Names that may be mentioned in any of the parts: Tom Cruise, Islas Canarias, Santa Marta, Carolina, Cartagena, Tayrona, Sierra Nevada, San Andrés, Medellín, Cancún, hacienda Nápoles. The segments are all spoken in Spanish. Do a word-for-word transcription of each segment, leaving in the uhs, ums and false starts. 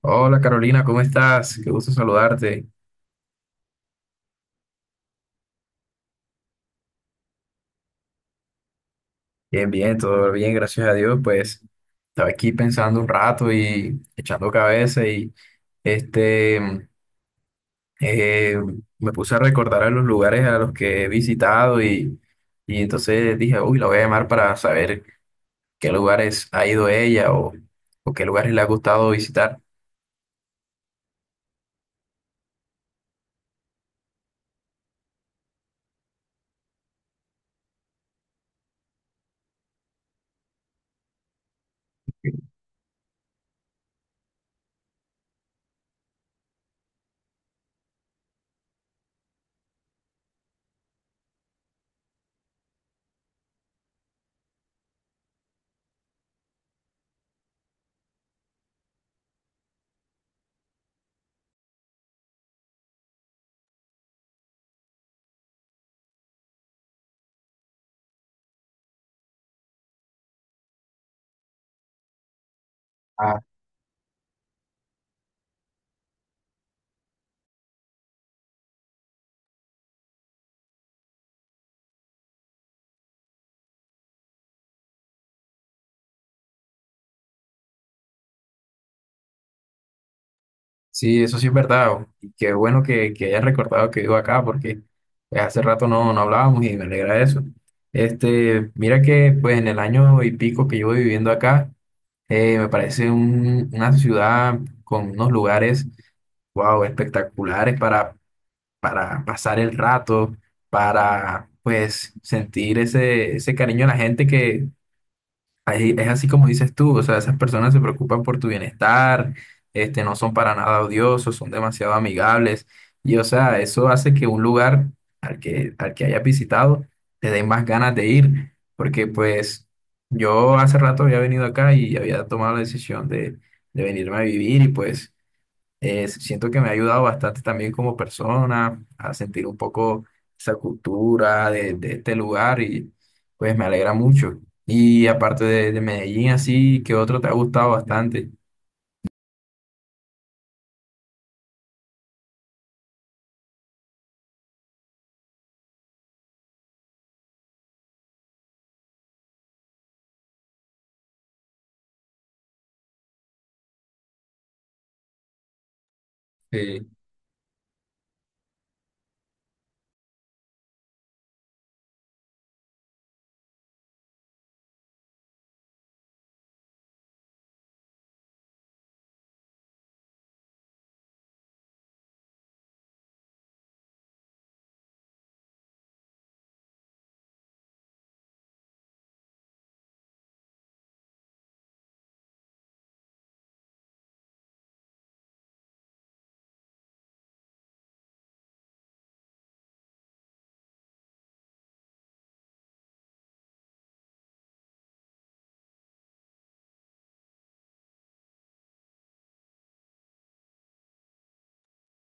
Hola Carolina, ¿cómo estás? Qué gusto saludarte. Bien, bien, todo bien, gracias a Dios. Pues estaba aquí pensando un rato y echando cabeza y este eh, me puse a recordar a los lugares a los que he visitado y, y, entonces dije, uy, la voy a llamar para saber qué lugares ha ido ella o, o qué lugares le ha gustado visitar. Sí, eso sí es verdad. o- Y qué bueno que, que hayas recordado que vivo acá, porque pues, hace rato no, no hablábamos y me alegra eso. Este, mira que pues en el año y pico que llevo viviendo acá, eh, me parece un- una ciudad con unos lugares, wow, espectaculares para, para, pasar el rato, para pues sentir ese, ese cariño a la gente. Ahí es así como dices tú, o sea, esas personas se preocupan por tu bienestar, este, no son para nada odiosos, son demasiado amigables y, o sea, eso hace que un lugar al que, al que, hayas visitado te den más ganas de ir, porque pues yo hace rato había venido acá y había tomado la decisión de, de venirme a vivir y pues eh, siento que me ha ayudado bastante también como persona a sentir un poco esa cultura de, de este lugar y pues me alegra mucho. Y aparte de, de Medellín, así, ¿qué otro te ha gustado bastante? Eh,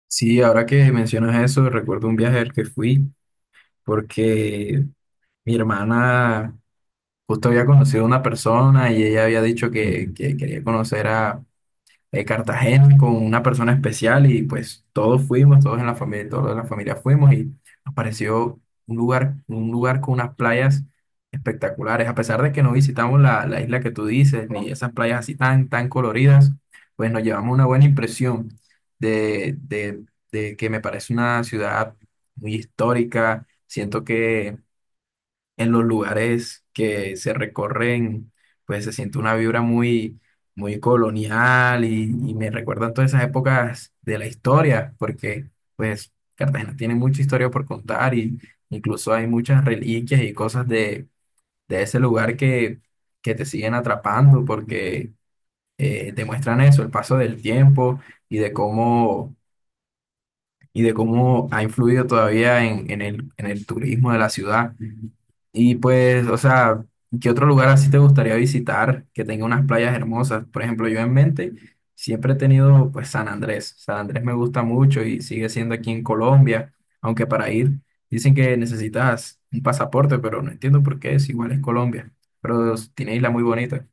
sí, ahora que mencionas eso, recuerdo un viaje al que fui porque mi hermana justo había conocido a una persona y ella había dicho que, que, quería conocer a eh, Cartagena con una persona especial y pues todos fuimos, todos en la familia, todos de la familia fuimos y nos pareció un lugar, un lugar, con unas playas espectaculares, a pesar de que no visitamos la, la isla que tú dices, ni esas playas así tan, tan coloridas, pues nos llevamos una buena impresión de, de, de que me parece una ciudad muy histórica, siento que en los lugares que se recorren, pues se siente una vibra muy, muy colonial y, y, me recuerdan todas esas épocas de la historia, porque pues Cartagena tiene mucha historia por contar y incluso hay muchas reliquias y cosas de, de, ese lugar que, que te siguen atrapando porque eh, demuestran eso, el paso del tiempo y de cómo y de cómo ha influido todavía en, en el, en el turismo de la ciudad. Y pues, o sea, ¿qué otro lugar así te gustaría visitar que tenga unas playas hermosas? Por ejemplo, yo en mente siempre he tenido pues San Andrés. San Andrés me gusta mucho y sigue siendo aquí en Colombia, aunque para ir dicen que necesitas un pasaporte, pero no entiendo por qué es, igual es Colombia, pero tiene isla muy bonita.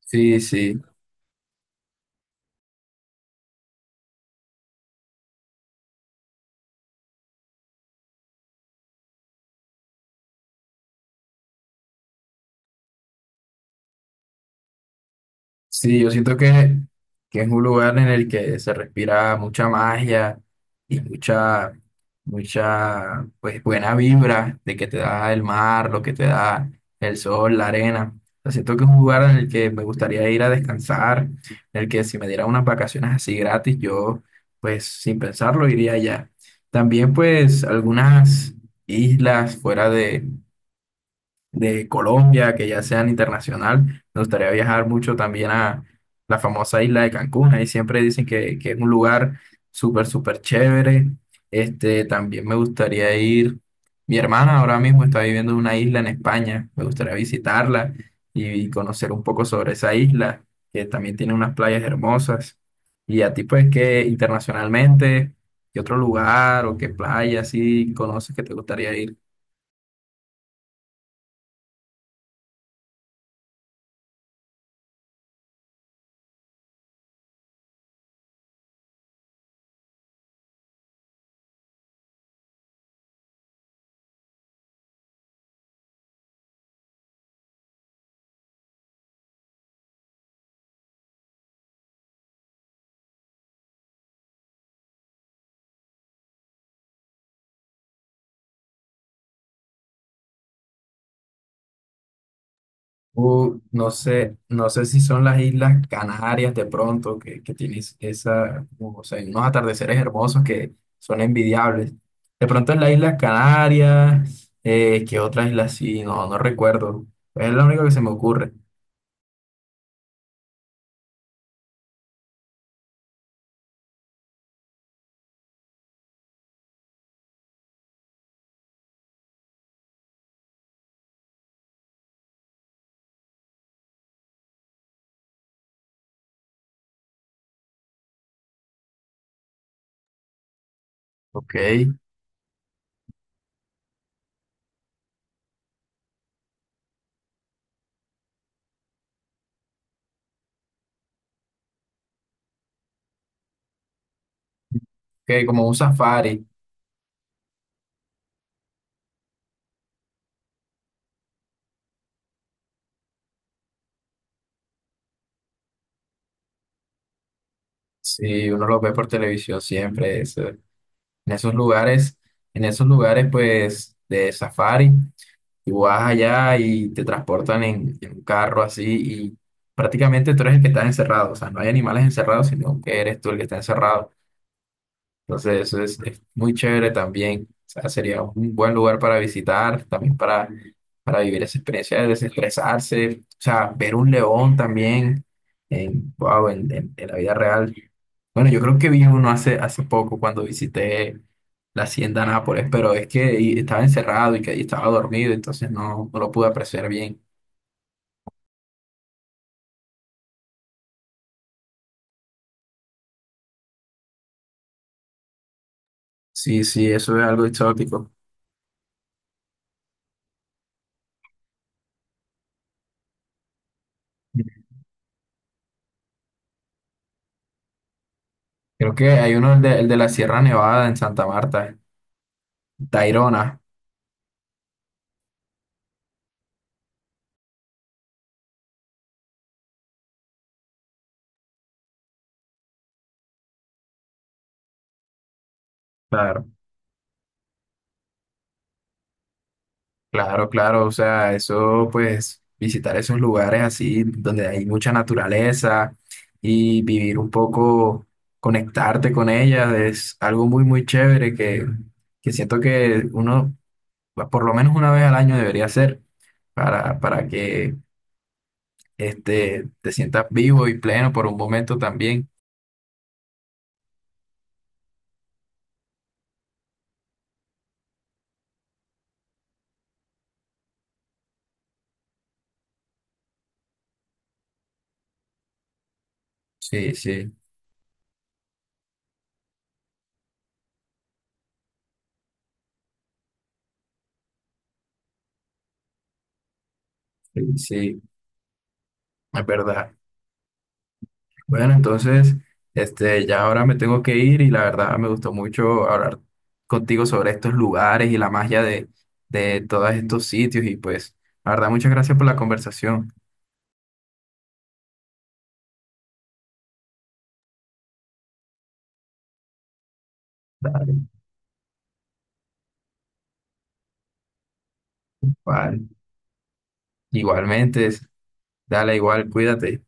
Sí, sí. Sí, yo siento que, que, es un lugar en el que se respira mucha magia y mucha, mucha, pues, buena vibra de que te da el mar, lo que te da el sol, la arena. O sea, siento que es un lugar en el que me gustaría ir a descansar, en el que si me diera unas vacaciones así gratis, yo, pues, sin pensarlo, iría allá. También, pues, algunas islas fuera de Colombia, que ya sean internacional. Me gustaría viajar mucho también a la famosa isla de Cancún. Ahí siempre dicen que, que, es un lugar súper, súper chévere. Este, también me gustaría ir. Mi hermana ahora mismo está viviendo en una isla en España. Me gustaría visitarla y conocer un poco sobre esa isla, que también tiene unas playas hermosas. Y a ti, pues, que internacionalmente, ¿qué otro lugar o qué playa así conoces que te gustaría ir? Uh, no sé, no sé si son las Islas Canarias de pronto, que, que tienes esa, o sea, unos atardeceres hermosos que son envidiables. De pronto en las Islas Canarias, eh, ¿qué otra isla sí? No, no recuerdo. Es lo único que se me ocurre. Ok, que como un safari, si uno lo ve por televisión siempre, eso- en esos lugares, en esos lugares pues de safari. Y vas allá y te transportan en, en un carro así y prácticamente tú eres el que está encerrado. O sea, no hay animales encerrados, sino que eres tú el que está encerrado. Entonces, eso es, es muy chévere también. O sea, sería un buen lugar para visitar, también para, para, vivir esa experiencia de desestresarse. O sea, ver un león también en, wow, en, en- en la vida real. Bueno, yo creo que vi uno hace, hace poco cuando visité la hacienda Nápoles, pero es que y- estaba encerrado y que ahí estaba dormido, entonces no, no lo pude apreciar bien. Sí, sí, eso es algo exótico. Creo que hay uno, el de, el de, la Sierra Nevada en Santa Marta, Tayrona. Claro, claro, o sea, eso pues visitar esos lugares así donde hay mucha naturaleza y vivir un poco, conectarte con ella es algo muy, muy chévere que, que, siento que uno por lo menos una vez al año debería hacer para, para que este, te sientas vivo y pleno por un momento también. Sí, sí, sí, sí, es verdad. Bueno, entonces, este, ya ahora me tengo que ir y la verdad me gustó mucho hablar contigo sobre estos lugares y la magia de, de, todos estos sitios y pues, la verdad, muchas gracias por la conversación. Dale, igual. Igualmente, dale igual, cuídate.